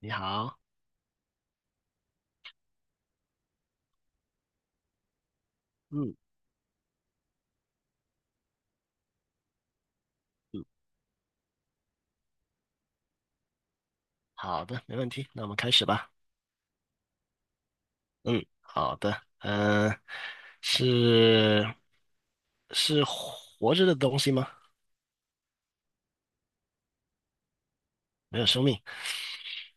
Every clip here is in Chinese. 你好，嗯嗯，好的，没问题，那我们开始吧。嗯，好的，是是活着的东西吗？没有生命。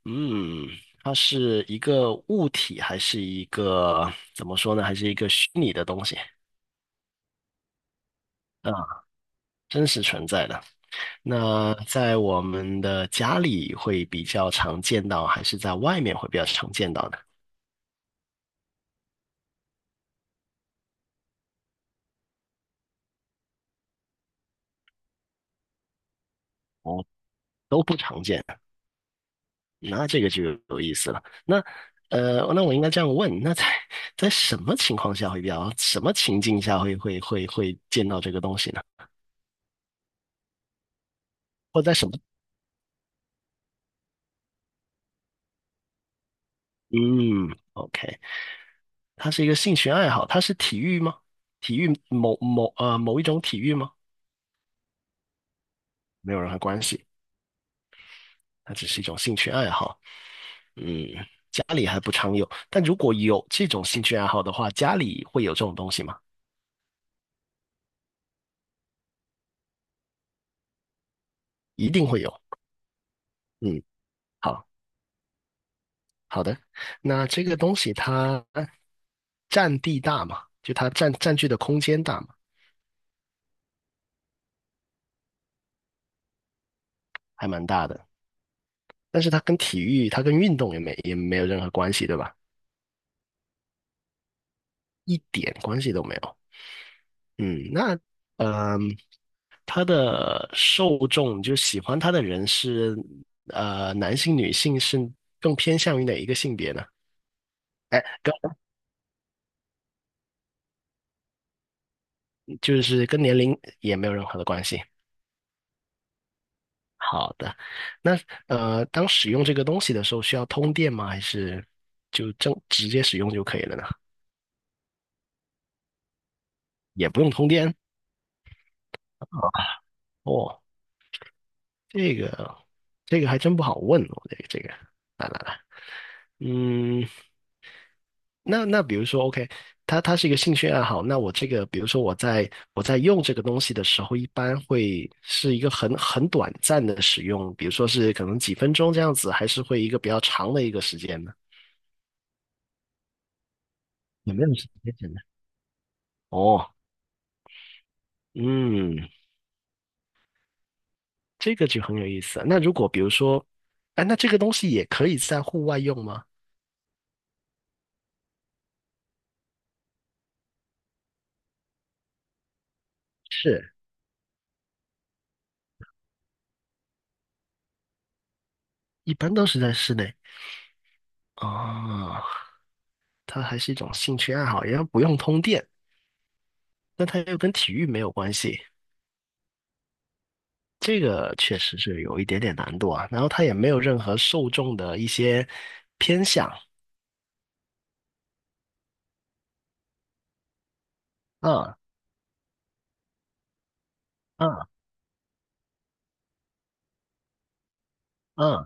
嗯，它是一个物体还是一个怎么说呢？还是一个虚拟的东西啊？真实存在的。那在我们的家里会比较常见到，还是在外面会比较常见到呢？哦，都不常见。那这个就有意思了。那我应该这样问：那在什么情况下会比较，什么情境下会见到这个东西呢？或者在什么？嗯，OK，它是一个兴趣爱好，它是体育吗？体育某一种体育吗？没有任何关系，它只是一种兴趣爱好。嗯，家里还不常有，但如果有这种兴趣爱好的话，家里会有这种东西吗？一定会有。嗯，好好的。那这个东西它占地大嘛，就它占据的空间大嘛，还蛮大的。但是它跟体育，它跟运动也没有任何关系，对吧？一点关系都没有。嗯，那嗯，它的受众就喜欢它的人是男性、女性是更偏向于哪一个性别呢？哎，跟就是跟年龄也没有任何的关系。好的，那当使用这个东西的时候，需要通电吗？还是就直接使用就可以了呢？也不用通电啊哦，这个这个还真不好问哦，这个，来来来，嗯，那比如说，OK，它是一个兴趣爱好，那我这个，比如说我在用这个东西的时候，一般会是一个很短暂的使用，比如说是可能几分钟这样子，还是会一个比较长的一个时间呢？有没有时间真的？哦，嗯，这个就很有意思。那如果比如说，哎，那这个东西也可以在户外用吗？是，一般都是在室内。啊。它还是一种兴趣爱好，也不用通电，但它又跟体育没有关系，这个确实是有一点点难度啊。然后它也没有任何受众的一些偏向，嗯嗯嗯，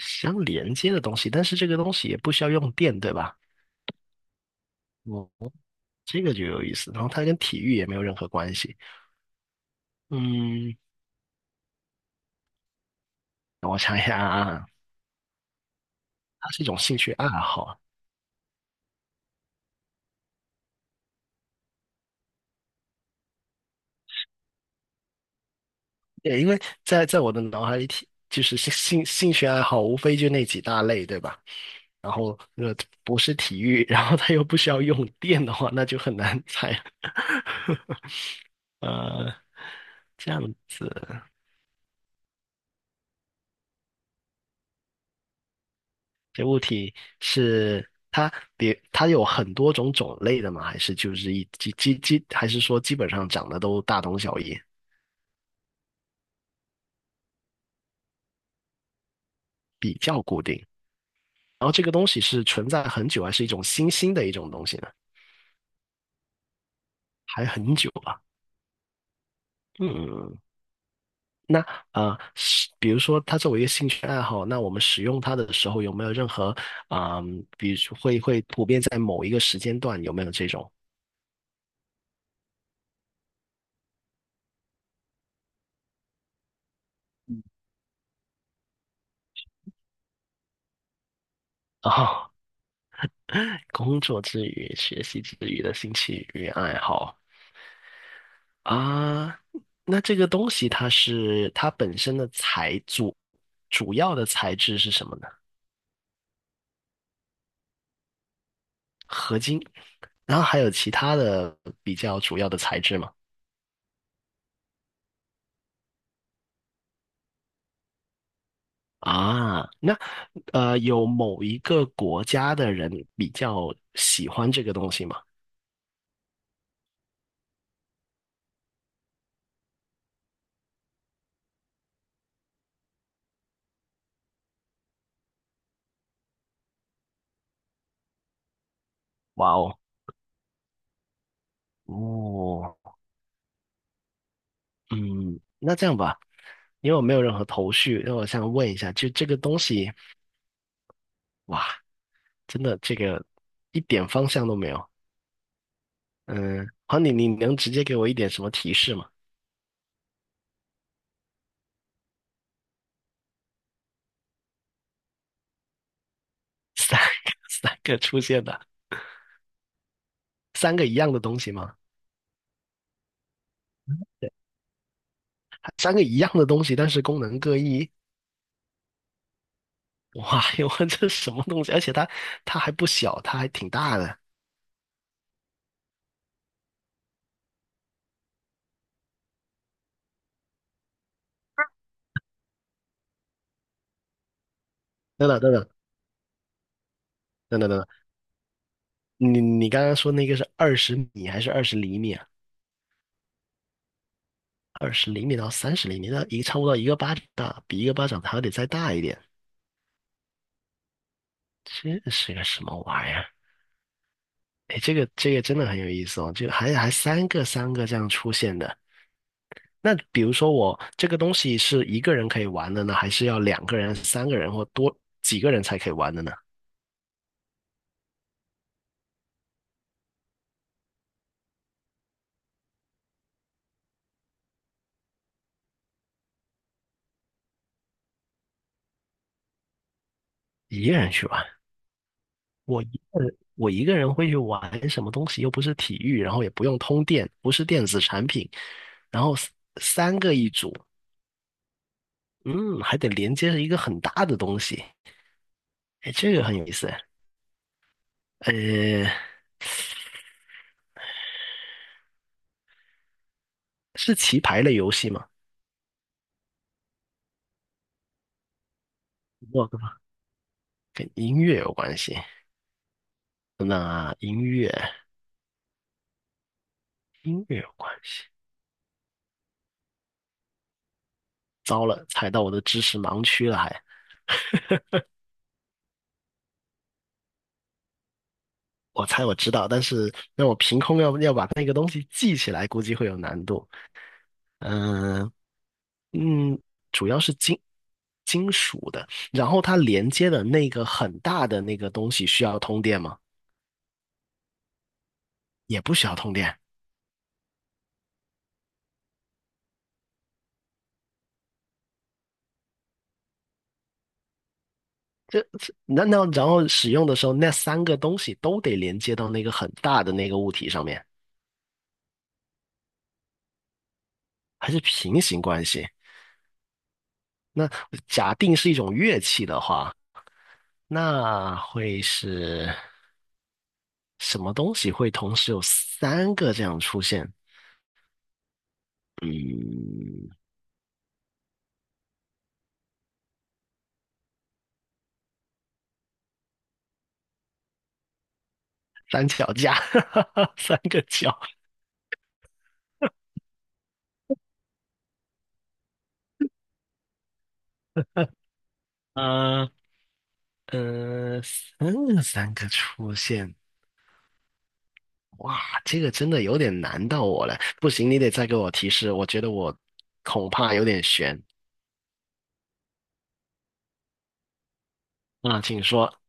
相连接的东西，但是这个东西也不需要用电，对吧？哦，这个就有意思。然后它跟体育也没有任何关系。嗯，我想一下啊，它是一种兴趣爱好。对，因为在我的脑海里，就是兴趣爱好，无非就那几大类，对吧？然后那个不是体育，然后它又不需要用电的话，那就很难猜了。呃，这样子，这物体是它别它有很多种类的吗？还是就是一基基基，还是说基本上长得都大同小异，比较固定？然后这个东西是存在很久，还是一种新兴的一种东西呢？还很久吧。嗯，那比如说它作为一个兴趣爱好，那我们使用它的时候有没有任何啊、比如说会普遍在某一个时间段有没有这种啊 工作之余、学习之余的兴趣与爱好啊？那这个东西它本身的主要的材质是什么呢？合金，然后还有其他的比较主要的材质吗？啊，那有某一个国家的人比较喜欢这个东西吗？哇哦，哦，嗯，那这样吧，因为我没有任何头绪，那我想问一下，就这个东西，哇，真的一点方向都没有。嗯，好，你能直接给我一点什么提示吗？三个三个出现的，三个一样的东西吗？三个一样的东西，但是功能各异。哇哟，这什么东西？而且它还不小，它还挺大的。等等等等等等等等，你刚刚说那个是20米还是二十厘米啊？二十厘米到30厘米，那差不多一个巴掌大，比一个巴掌还得再大一点。这是个什么玩意儿？哎，这个真的很有意思哦，就还三个三个这样出现的。那比如说我这个东西是一个人可以玩的呢，还是要两个人、三个人或多几个人才可以玩的呢？一个人去玩。我一个人，我一个人会去玩什么东西？又不是体育，然后也不用通电，不是电子产品，然后 三个一组，嗯，还得连接着一个很大的东西，哎，这个很有意思。呃，是棋牌类游戏吗？不，跟音乐有关系。那音乐，音乐有关系。糟了，踩到我的知识盲区了还。我猜我知道，但是让我凭空要把那个东西记起来，估计会有难度。嗯、嗯，主要是金属的，然后它连接的那个很大的那个东西需要通电吗？也不需要通电。这难道然后使用的时候那三个东西都得连接到那个很大的那个物体上面，还是平行关系？那假定是一种乐器的话，那会是什么东西会同时有三个这样出现？嗯，三脚架，三个脚。嗯，三个三个出现，哇，这个真的有点难到我了。不行，你得再给我提示，我觉得我恐怕有点悬啊，请说。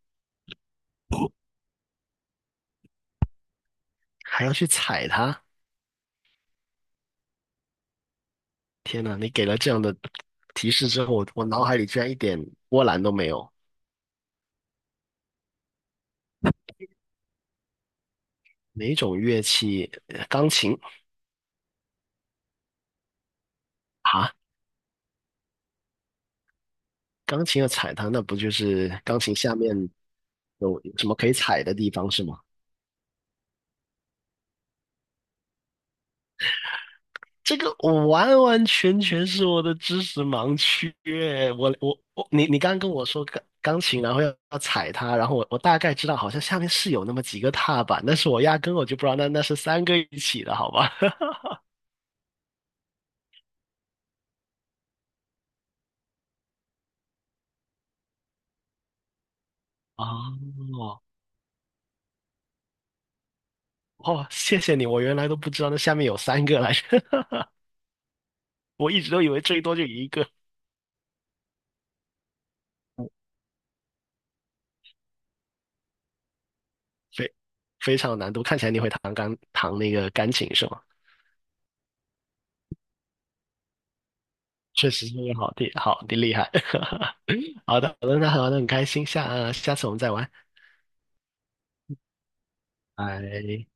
还要去踩它？天哪，你给了这样的提示之后，我脑海里居然一点波澜都没有。哪种乐器？钢琴啊，钢琴要踩它，那不就是钢琴下面有什么可以踩的地方是吗？这个完完全全是我的知识盲区耶我我我，你刚刚跟我说钢琴，然后要踩它，然后我大概知道好像下面是有那么几个踏板，但是我压根就不知道那是三个一起的，好吧？哦哦，谢谢你，我原来都不知道那下面有三个来着，我一直都以为最多就一个，非非常有难度。看起来你会弹那个钢琴是吗？确实是个好的厉害。好的好的，那好的，那很开心，下次我们再玩。哎，